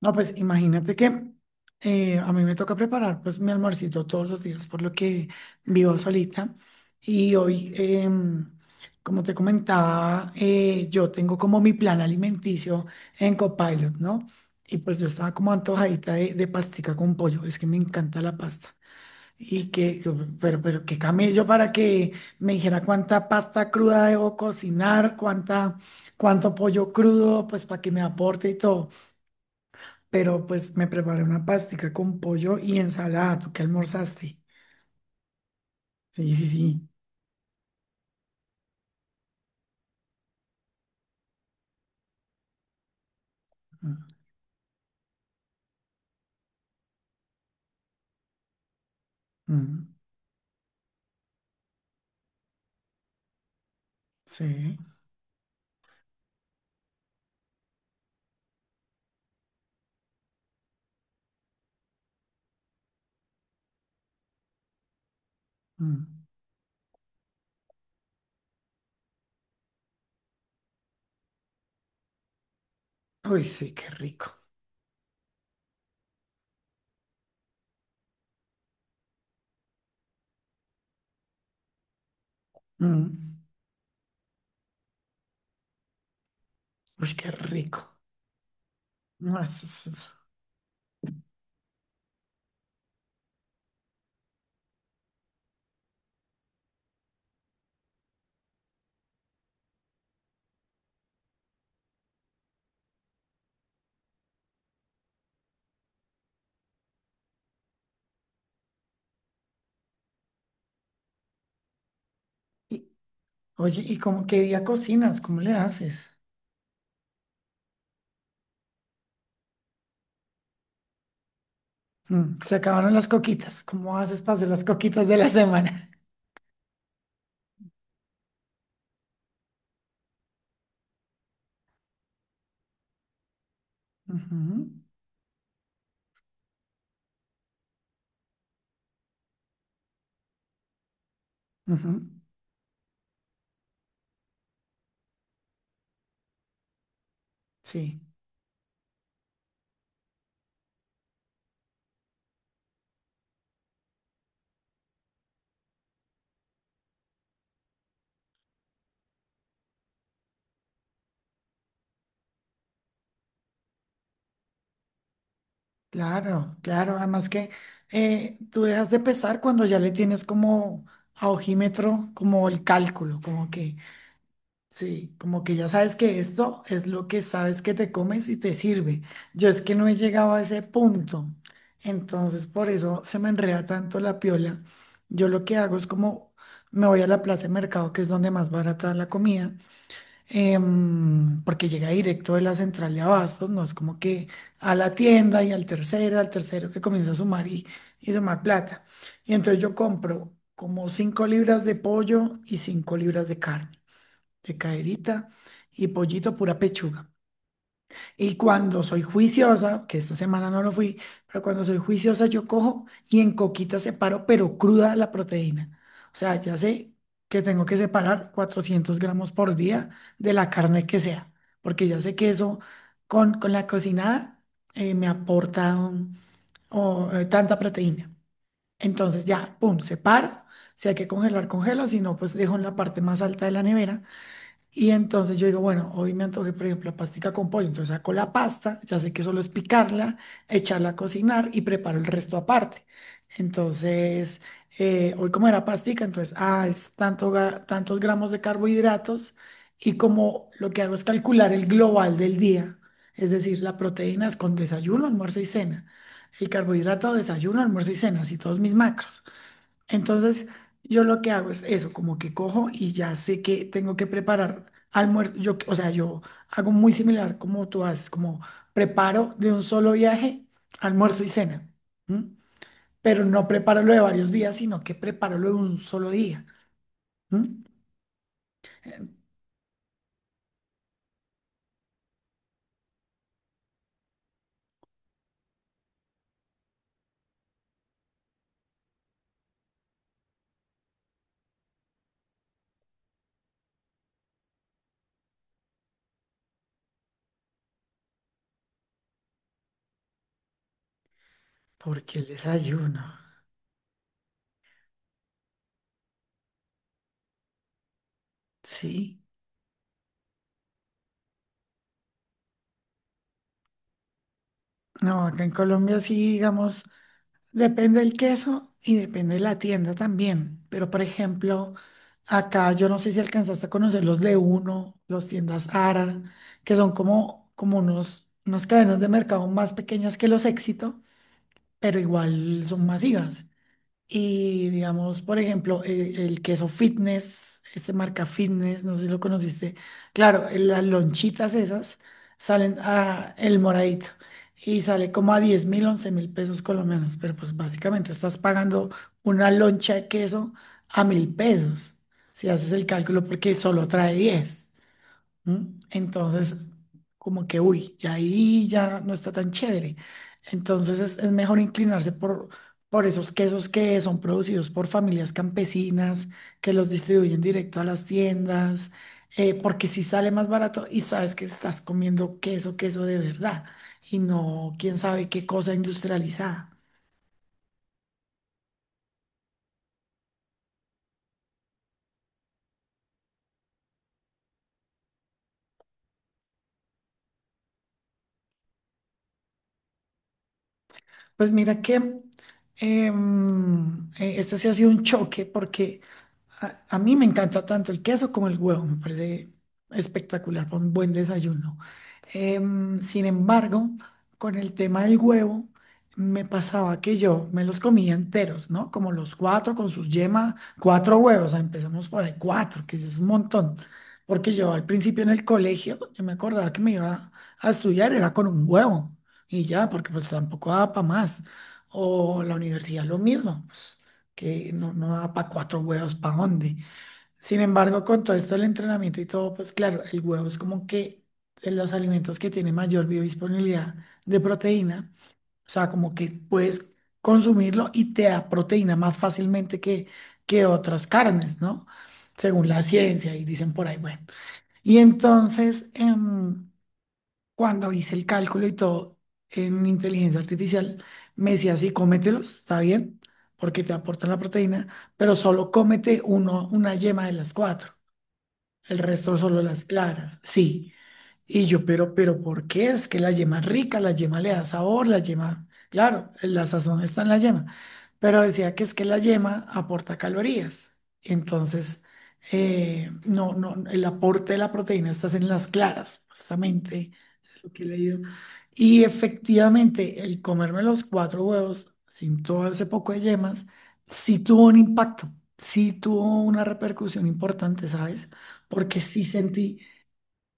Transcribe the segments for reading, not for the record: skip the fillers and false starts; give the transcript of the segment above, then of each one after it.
No, pues imagínate que a mí me toca preparar pues mi almuercito todos los días, por lo que vivo solita. Y hoy, como te comentaba, yo tengo como mi plan alimenticio en Copilot, ¿no? Y pues yo estaba como antojadita de pastica con pollo, es que me encanta la pasta. Y que, que- pero qué camello para que me dijera cuánta pasta cruda debo cocinar, cuánta, cuánto pollo crudo, pues para que me aporte y todo, pero pues me preparé una pastica con pollo y ensalada. ¿Tú qué almorzaste? Sí, sí, sí. Mm, mm, sí. Mm. Uy, sí, qué rico. Mm. Uy, qué rico. No, es- y- oye, ¿y cómo qué día cocinas? ¿Cómo le haces? Mm, se acabaron las coquitas. ¿Cómo haces para hacer las coquitas de la semana? Ujú, ujú, sí. Claro, claro. Además que tú dejas de pesar cuando ya le tienes como a ojímetro, como el cálculo, como que, sí, como que ya sabes que esto es lo que sabes que te comes y te sirve. Yo es que no he llegado a ese punto. Entonces, por eso se me enreda tanto la piola. Yo lo que hago es como me voy a la plaza de mercado, que es donde más barata la comida, porque llega directo de la central de abastos, no es como que a la tienda y al tercero que comienza a sumar y sumar plata. Y entonces yo compro como 5 libras de pollo y 5 libras de carne, de caderita y pollito pura pechuga. Y cuando soy juiciosa, que esta semana no lo fui, pero cuando soy juiciosa yo cojo y en coquita separo, pero cruda la proteína. O sea, ya sé que tengo que separar 400 gramos por día de la carne que sea, porque ya sé que eso con la cocinada me aporta tanta proteína. Entonces ya, pum, separo. Si hay que congelar, congelo, si no, pues dejo en la parte más alta de la nevera y entonces yo digo, bueno, hoy me antojé, por ejemplo, pastica con pollo. Entonces saco la pasta, ya sé que solo es picarla, echarla a cocinar y preparo el resto aparte. Entonces, hoy como era pastica, entonces, ah, es tanto, tantos gramos de carbohidratos, y como lo que hago es calcular el global del día, es decir, la proteína es con desayuno, almuerzo y cena. El carbohidrato, desayuno, almuerzo y cena, así todos mis macros. Entonces, yo lo que hago es eso, como que cojo y ya sé que tengo que preparar almuerzo. Yo, o sea, yo hago muy similar como tú haces, como preparo de un solo viaje almuerzo y cena, ¿m? Pero no preparo lo de varios días, sino que preparo lo de un solo día, ¿m? Porque el desayuno, ¿sí? No, acá en Colombia sí, digamos. Depende del queso y depende de la tienda también. Pero, por ejemplo, acá yo no sé si alcanzaste a conocer los de uno, los tiendas Ara, que son como, unas cadenas de mercado más pequeñas que los Éxito, pero igual son masivas. Y digamos, por ejemplo, el queso fitness, este marca fitness, no sé si lo conociste. Claro, las lonchitas esas salen a el moradito y sale como a 10.000, 11.000 pesos colombianos. Pero pues básicamente estás pagando una loncha de queso a 1000 pesos, si haces el cálculo, porque solo trae 10. ¿Mm? Entonces, como que, uy, ya ahí ya no está tan chévere. Entonces es mejor inclinarse por esos quesos que son producidos por familias campesinas, que los distribuyen directo a las tiendas, porque si sale más barato y sabes que estás comiendo queso, queso de verdad, y no quién sabe qué cosa industrializada. Pues mira que este sí ha sido un choque porque a mí me encanta tanto el queso como el huevo, me parece espectacular para un buen desayuno. Sin embargo, con el tema del huevo, me pasaba que yo me los comía enteros, ¿no? Como los cuatro con sus yemas, cuatro huevos, o sea, empezamos por ahí, cuatro, que eso es un montón. Porque yo al principio en el colegio, yo me acordaba que me iba a estudiar, era con un huevo. Y ya, porque pues tampoco da para más. O la universidad lo mismo, pues, que no, no da para cuatro huevos, ¿para dónde? Sin embargo, con todo esto del entrenamiento y todo, pues claro, el huevo es como que de los alimentos que tienen mayor biodisponibilidad de proteína, o sea, como que puedes consumirlo y te da proteína más fácilmente que otras carnes, ¿no? Según la ciencia, y dicen por ahí, bueno. Y entonces, cuando hice el cálculo y todo en inteligencia artificial, me decía, sí, cómetelos, está bien, porque te aportan la proteína, pero solo cómete uno, una yema de las cuatro, el resto solo las claras, sí. Y yo, ¿por qué? Es que la yema es rica, la yema le da sabor, la yema, claro, la sazón está en la yema, pero decía que es que la yema aporta calorías. Entonces, no, no, el aporte de la proteína está en las claras, justamente, es lo que he leído. Y efectivamente, el comerme los cuatro huevos sin todo ese poco de yemas, sí tuvo un impacto, sí tuvo una repercusión importante, ¿sabes? Porque sí sentí.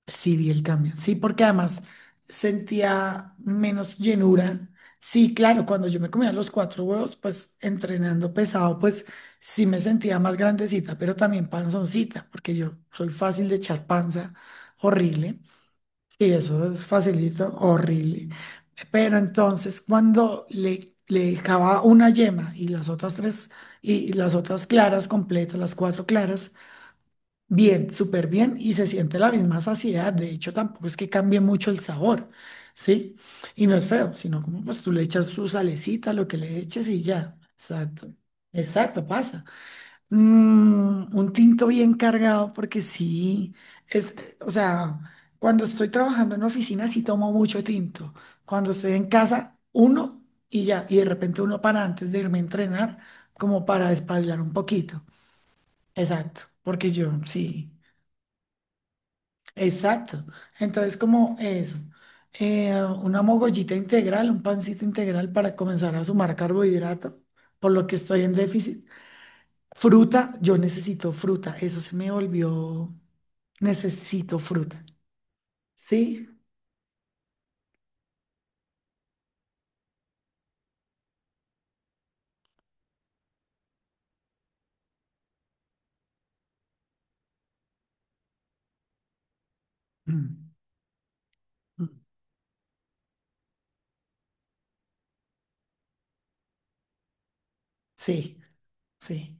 Sí, vi el cambio. Sí, porque además sentía menos llenura. Sí, claro, cuando yo me comía los cuatro huevos, pues entrenando pesado, pues sí me sentía más grandecita, pero también panzoncita, porque yo soy fácil de echar panza, horrible. Y eso es facilito, horrible. Pero entonces cuando le dejaba una yema y las otras tres, y las otras claras completas, las cuatro claras, bien, súper bien y se siente la misma saciedad. De hecho, tampoco es que cambie mucho el sabor, ¿sí? Y no es feo, sino como pues tú le echas su salecita, lo que le eches y ya. Exacto. Exacto, pasa. Mm, un tinto bien cargado porque sí, es, o sea, cuando estoy trabajando en oficina sí tomo mucho tinto. Cuando estoy en casa, uno y ya. Y de repente uno para antes de irme a entrenar, como para espabilar un poquito. Exacto, porque yo sí. Exacto. Entonces, como eso, eh, una mogollita integral, un pancito integral para comenzar a sumar carbohidrato, por lo que estoy en déficit. Fruta, yo necesito fruta, eso se me volvió, necesito fruta. ¿Sí? Mm, mm, sí, sí.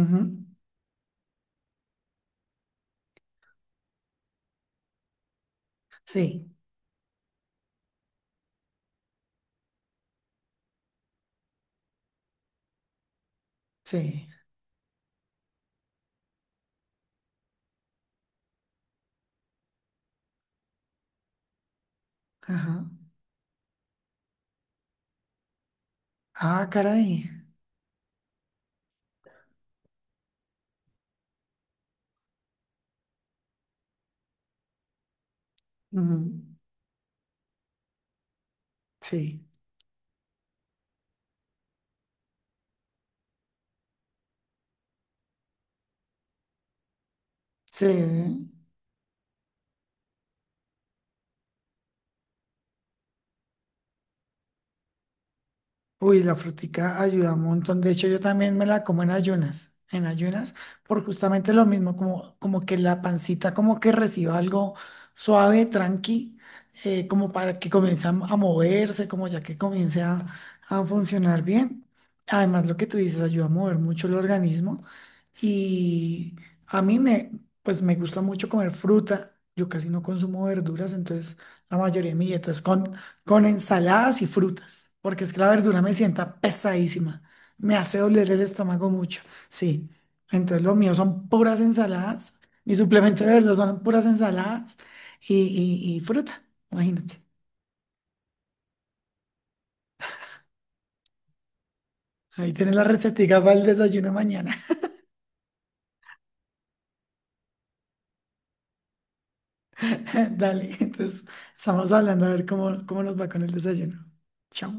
Ujú, sí, sí. Ajá. Ah, caray. Ujú, sí, sí. Uy, la frutica ayuda un montón. De hecho, yo también me la como en ayunas, por justamente lo mismo, como, que la pancita como que reciba algo suave, tranqui, como para que comience a moverse, como ya que comience a funcionar bien. Además, lo que tú dices ayuda a mover mucho el organismo y a mí me, pues me gusta mucho comer fruta. Yo casi no consumo verduras, entonces la mayoría de mi dieta es con ensaladas y frutas, porque es que la verdura me sienta pesadísima, me hace doler el estómago mucho, sí. Entonces lo mío son puras ensaladas, mi suplemento de verdad son puras ensaladas y, y fruta, imagínate. Ahí tienes la recetica para el desayuno mañana. Dale, entonces estamos hablando a ver cómo nos va con el desayuno. Chao.